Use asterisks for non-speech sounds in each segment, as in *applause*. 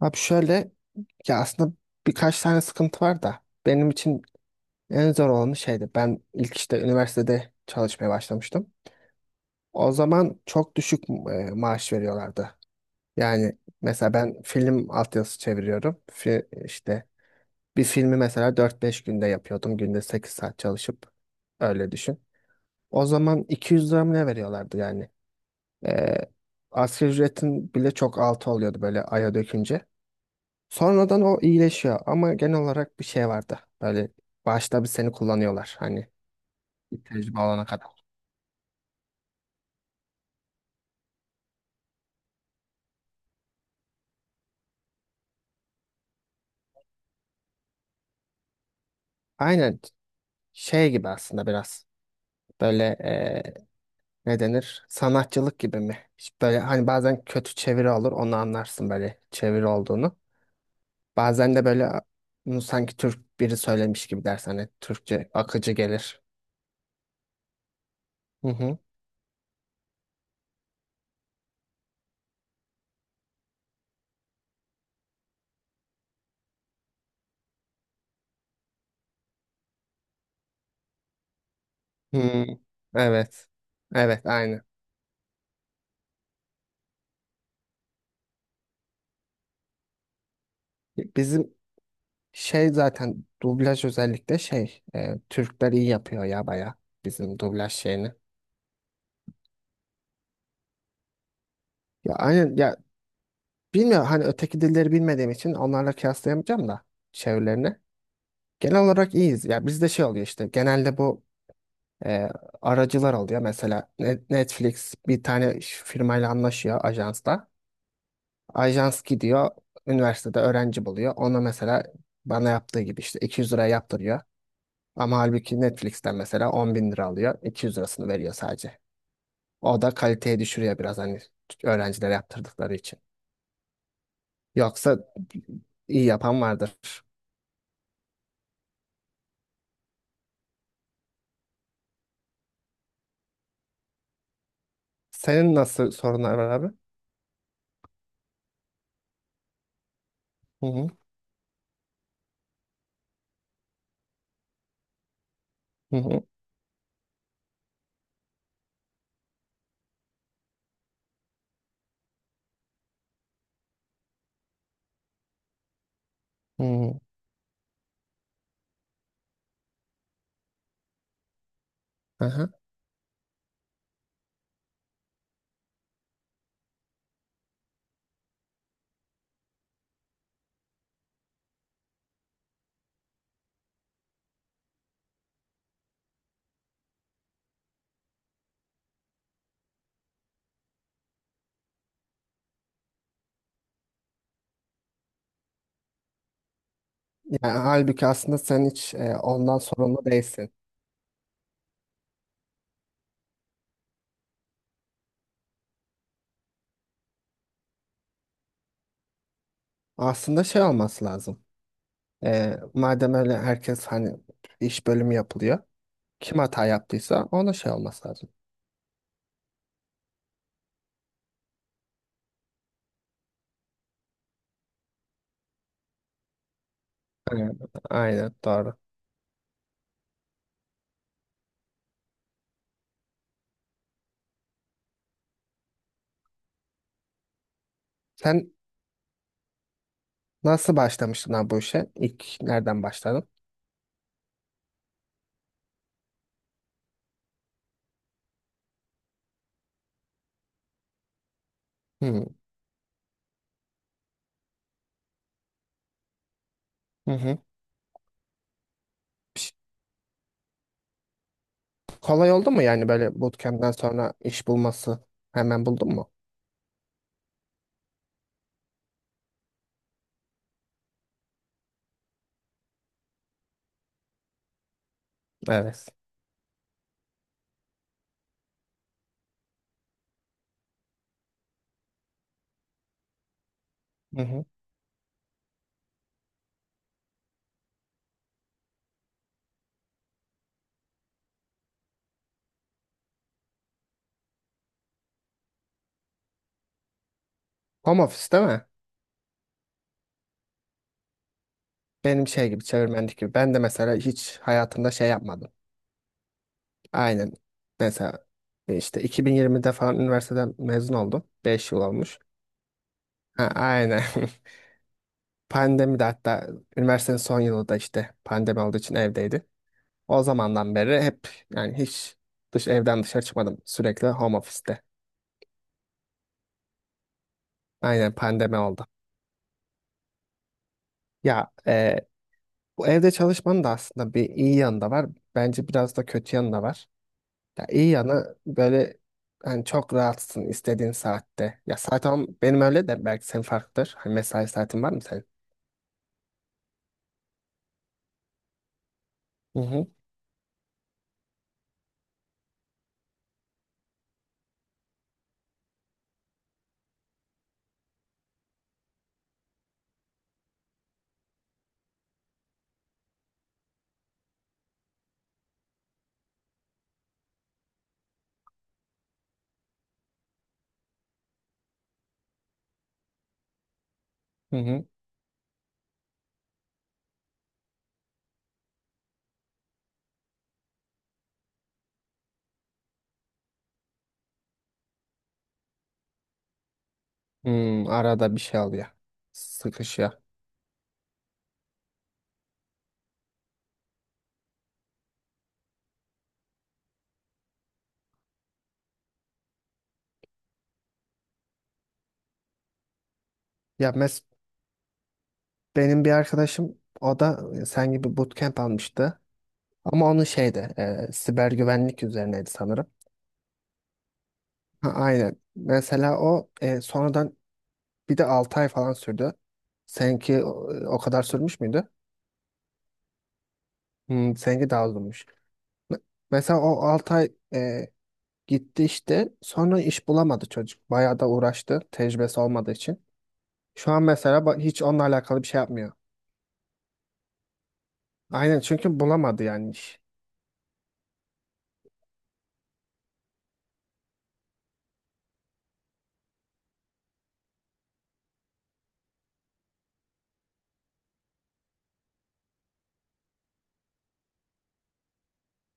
Abi şöyle ya aslında birkaç tane sıkıntı var da benim için en zor olanı şeydi. Ben ilk işte üniversitede çalışmaya başlamıştım. O zaman çok düşük maaş veriyorlardı. Yani mesela ben film altyazısı çeviriyorum. İşte bir filmi mesela 4-5 günde yapıyordum. Günde 8 saat çalışıp öyle düşün. O zaman 200 lira mı ne veriyorlardı yani? E, Asgari ücretin bile çok altı oluyordu böyle aya dökünce. Sonradan o iyileşiyor ama genel olarak bir şey vardı. Böyle başta bir seni kullanıyorlar, hani bir tecrübe alana kadar. Aynen, şey gibi aslında biraz böyle, ne denir, sanatçılık gibi mi? İşte böyle hani, bazen kötü çeviri olur, onu anlarsın böyle çeviri olduğunu. Bazen de böyle, bunu sanki Türk biri söylemiş gibi dersin, hani Türkçe akıcı gelir. Hı hı. Hmm, evet. Evet, aynı. Bizim şey zaten dublaj, özellikle şey Türkler iyi yapıyor ya, baya bizim dublaj şeyini. Ya aynen ya, bilmiyorum hani, öteki dilleri bilmediğim için onlarla kıyaslayamayacağım da çevirilerini. Genel olarak iyiyiz. Ya bizde şey oluyor işte, genelde bu e, aracılar oluyor. Mesela Netflix bir tane firmayla anlaşıyor, ajansla. Ajans gidiyor üniversitede öğrenci buluyor. Ona mesela, bana yaptığı gibi, işte 200 liraya yaptırıyor. Ama halbuki Netflix'ten mesela 10 bin lira alıyor. 200 lirasını veriyor sadece. O da kaliteye düşürüyor biraz, hani öğrencilere yaptırdıkları için. Yoksa iyi yapan vardır. Senin nasıl sorunlar var abi? Hı hı. Hı hı. Hı hı. Aha. Yani halbuki aslında sen hiç ondan sorumlu değilsin. Aslında şey olması lazım. Madem öyle, herkes hani iş bölümü yapılıyor. Kim hata yaptıysa ona şey olması lazım. Aynen, aynen doğru. Sen nasıl başlamıştın abi bu işe? İlk nereden başladın? Hmm. Hı hı. Piş- Kolay oldu mu yani, böyle bootcamp'ten sonra iş bulması? Hemen buldun mu? Evet. Hı hı. Home office değil mi? Benim şey gibi, çevirmenlik gibi. Ben de mesela hiç hayatımda şey yapmadım. Aynen. Mesela işte 2020'de falan üniversiteden mezun oldum. 5 yıl olmuş. Ha, aynen. *laughs* Pandemi de hatta, üniversitenin son yılı da işte pandemi olduğu için evdeydi. O zamandan beri hep, yani hiç evden dışarı çıkmadım. Sürekli home office'te. Aynen, pandemi oldu. Ya bu evde çalışmanın da aslında bir iyi yanı da var. Bence biraz da kötü yanı da var. Ya iyi yanı böyle, hani çok rahatsın istediğin saatte. Ya saat 10, benim öyle de, belki senin farklıdır. Hani mesai saatin var mı senin? Hı hı. Hı hı. Arada bir şey oluyor. Sıkışıyor. Ya benim bir arkadaşım, o da sen gibi bootcamp almıştı. Ama onun şeyde siber güvenlik üzerineydi sanırım. Ha, aynen. Mesela o sonradan bir de 6 ay falan sürdü. Seninki o kadar sürmüş müydü? Seninki daha uzunmuş. Me- Mesela o 6 ay gitti işte. Sonra iş bulamadı çocuk. Bayağı da uğraştı, tecrübesi olmadığı için. Şu an mesela hiç onunla alakalı bir şey yapmıyor. Aynen, çünkü bulamadı yani iş.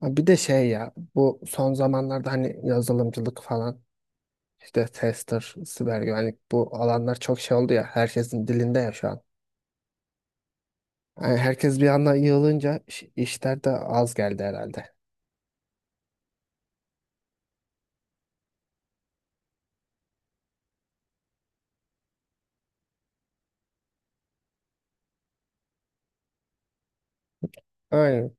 Ha, bir de şey ya, bu son zamanlarda hani yazılımcılık falan, işte tester, siber güvenlik, bu alanlar çok şey oldu ya, herkesin dilinde ya şu an. Yani herkes bir anda yığılınca işler de az geldi herhalde. Aynen.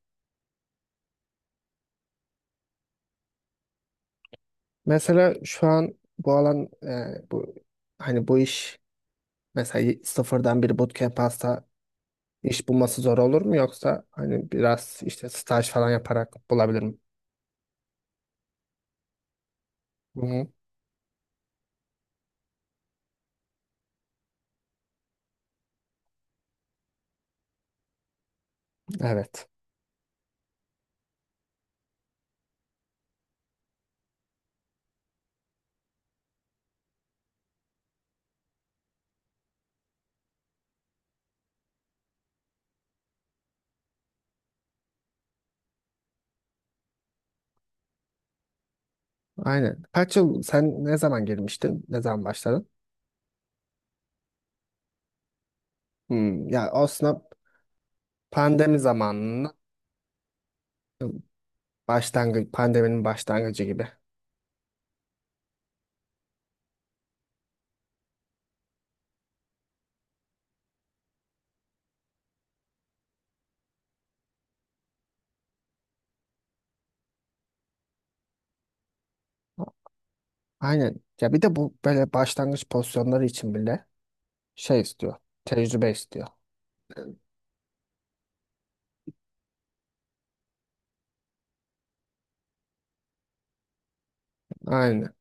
Mesela şu an bu alan, bu iş. Mesela sıfırdan bir bootcamp hasta, iş bulması zor olur mu, yoksa hani biraz işte staj falan yaparak bulabilir mi? Hı-hı. Evet. Aynen. Kaç yıl sen, ne zaman girmiştin? Ne zaman başladın? Ya aslında pandemi zamanının pandeminin başlangıcı gibi. Aynen. Ya bir de bu böyle başlangıç pozisyonları için bile şey istiyor. Tecrübe istiyor. Aynen.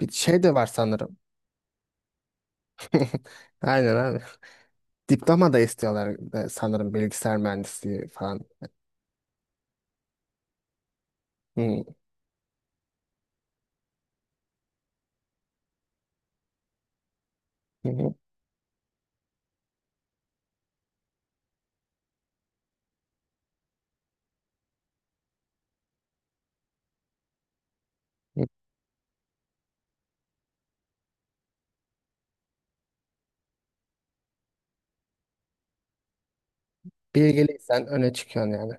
Bir şey de var sanırım. *laughs* Aynen abi. Diploma da istiyorlar, sanırım bilgisayar mühendisliği falan. Hı, hı, hı, hı. Bilgiliysen öne çıkıyorsun yani.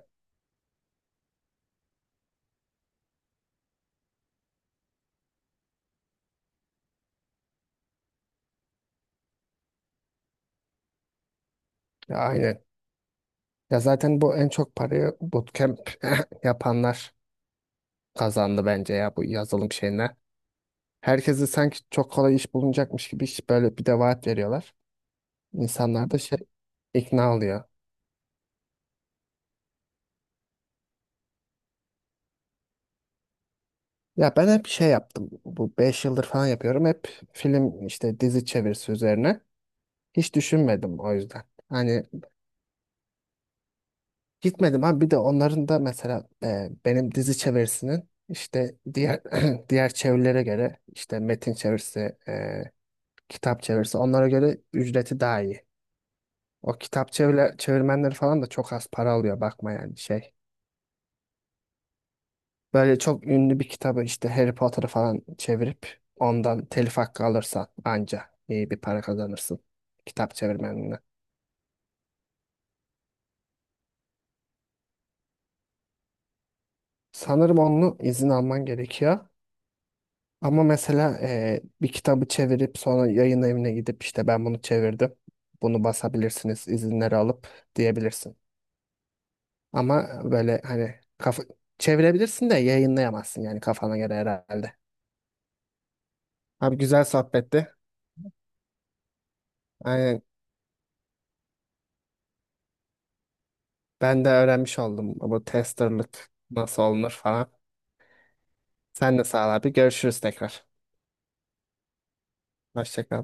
Ya aynen. Ya zaten bu en çok parayı bootcamp *laughs* yapanlar kazandı bence ya, bu yazılım şeyine. Herkese sanki çok kolay iş bulunacakmış gibi, iş böyle bir de vaat veriyorlar. İnsanlar da şey, ikna oluyor. Ya ben hep şey yaptım. Bu 5 yıldır falan yapıyorum. Hep film, işte dizi çevirisi üzerine. Hiç düşünmedim o yüzden. Hani gitmedim ama, bir de onların da mesela benim dizi çevirisinin işte, diğer *clears throat* diğer çevirilere göre, işte metin çevirisi, e, kitap çevirisi, onlara göre ücreti daha iyi. O kitap çevirmenleri falan da çok az para alıyor, bakma yani şey. Böyle çok ünlü bir kitabı, işte Harry Potter'ı falan çevirip ondan telif hakkı alırsan anca iyi bir para kazanırsın, kitap çevirmenine. Sanırım onun izin alman gerekiyor. Ama mesela bir kitabı çevirip sonra yayın evine gidip, işte ben bunu çevirdim, bunu basabilirsiniz izinleri alıp, diyebilirsin. Ama böyle hani, çevirebilirsin de yayınlayamazsın yani, kafana göre herhalde. Abi, güzel sohbetti. Aynen. Ben de öğrenmiş oldum bu testerlık nasıl olunur falan. Sen de sağ ol abi. Görüşürüz tekrar. Hoşça kal.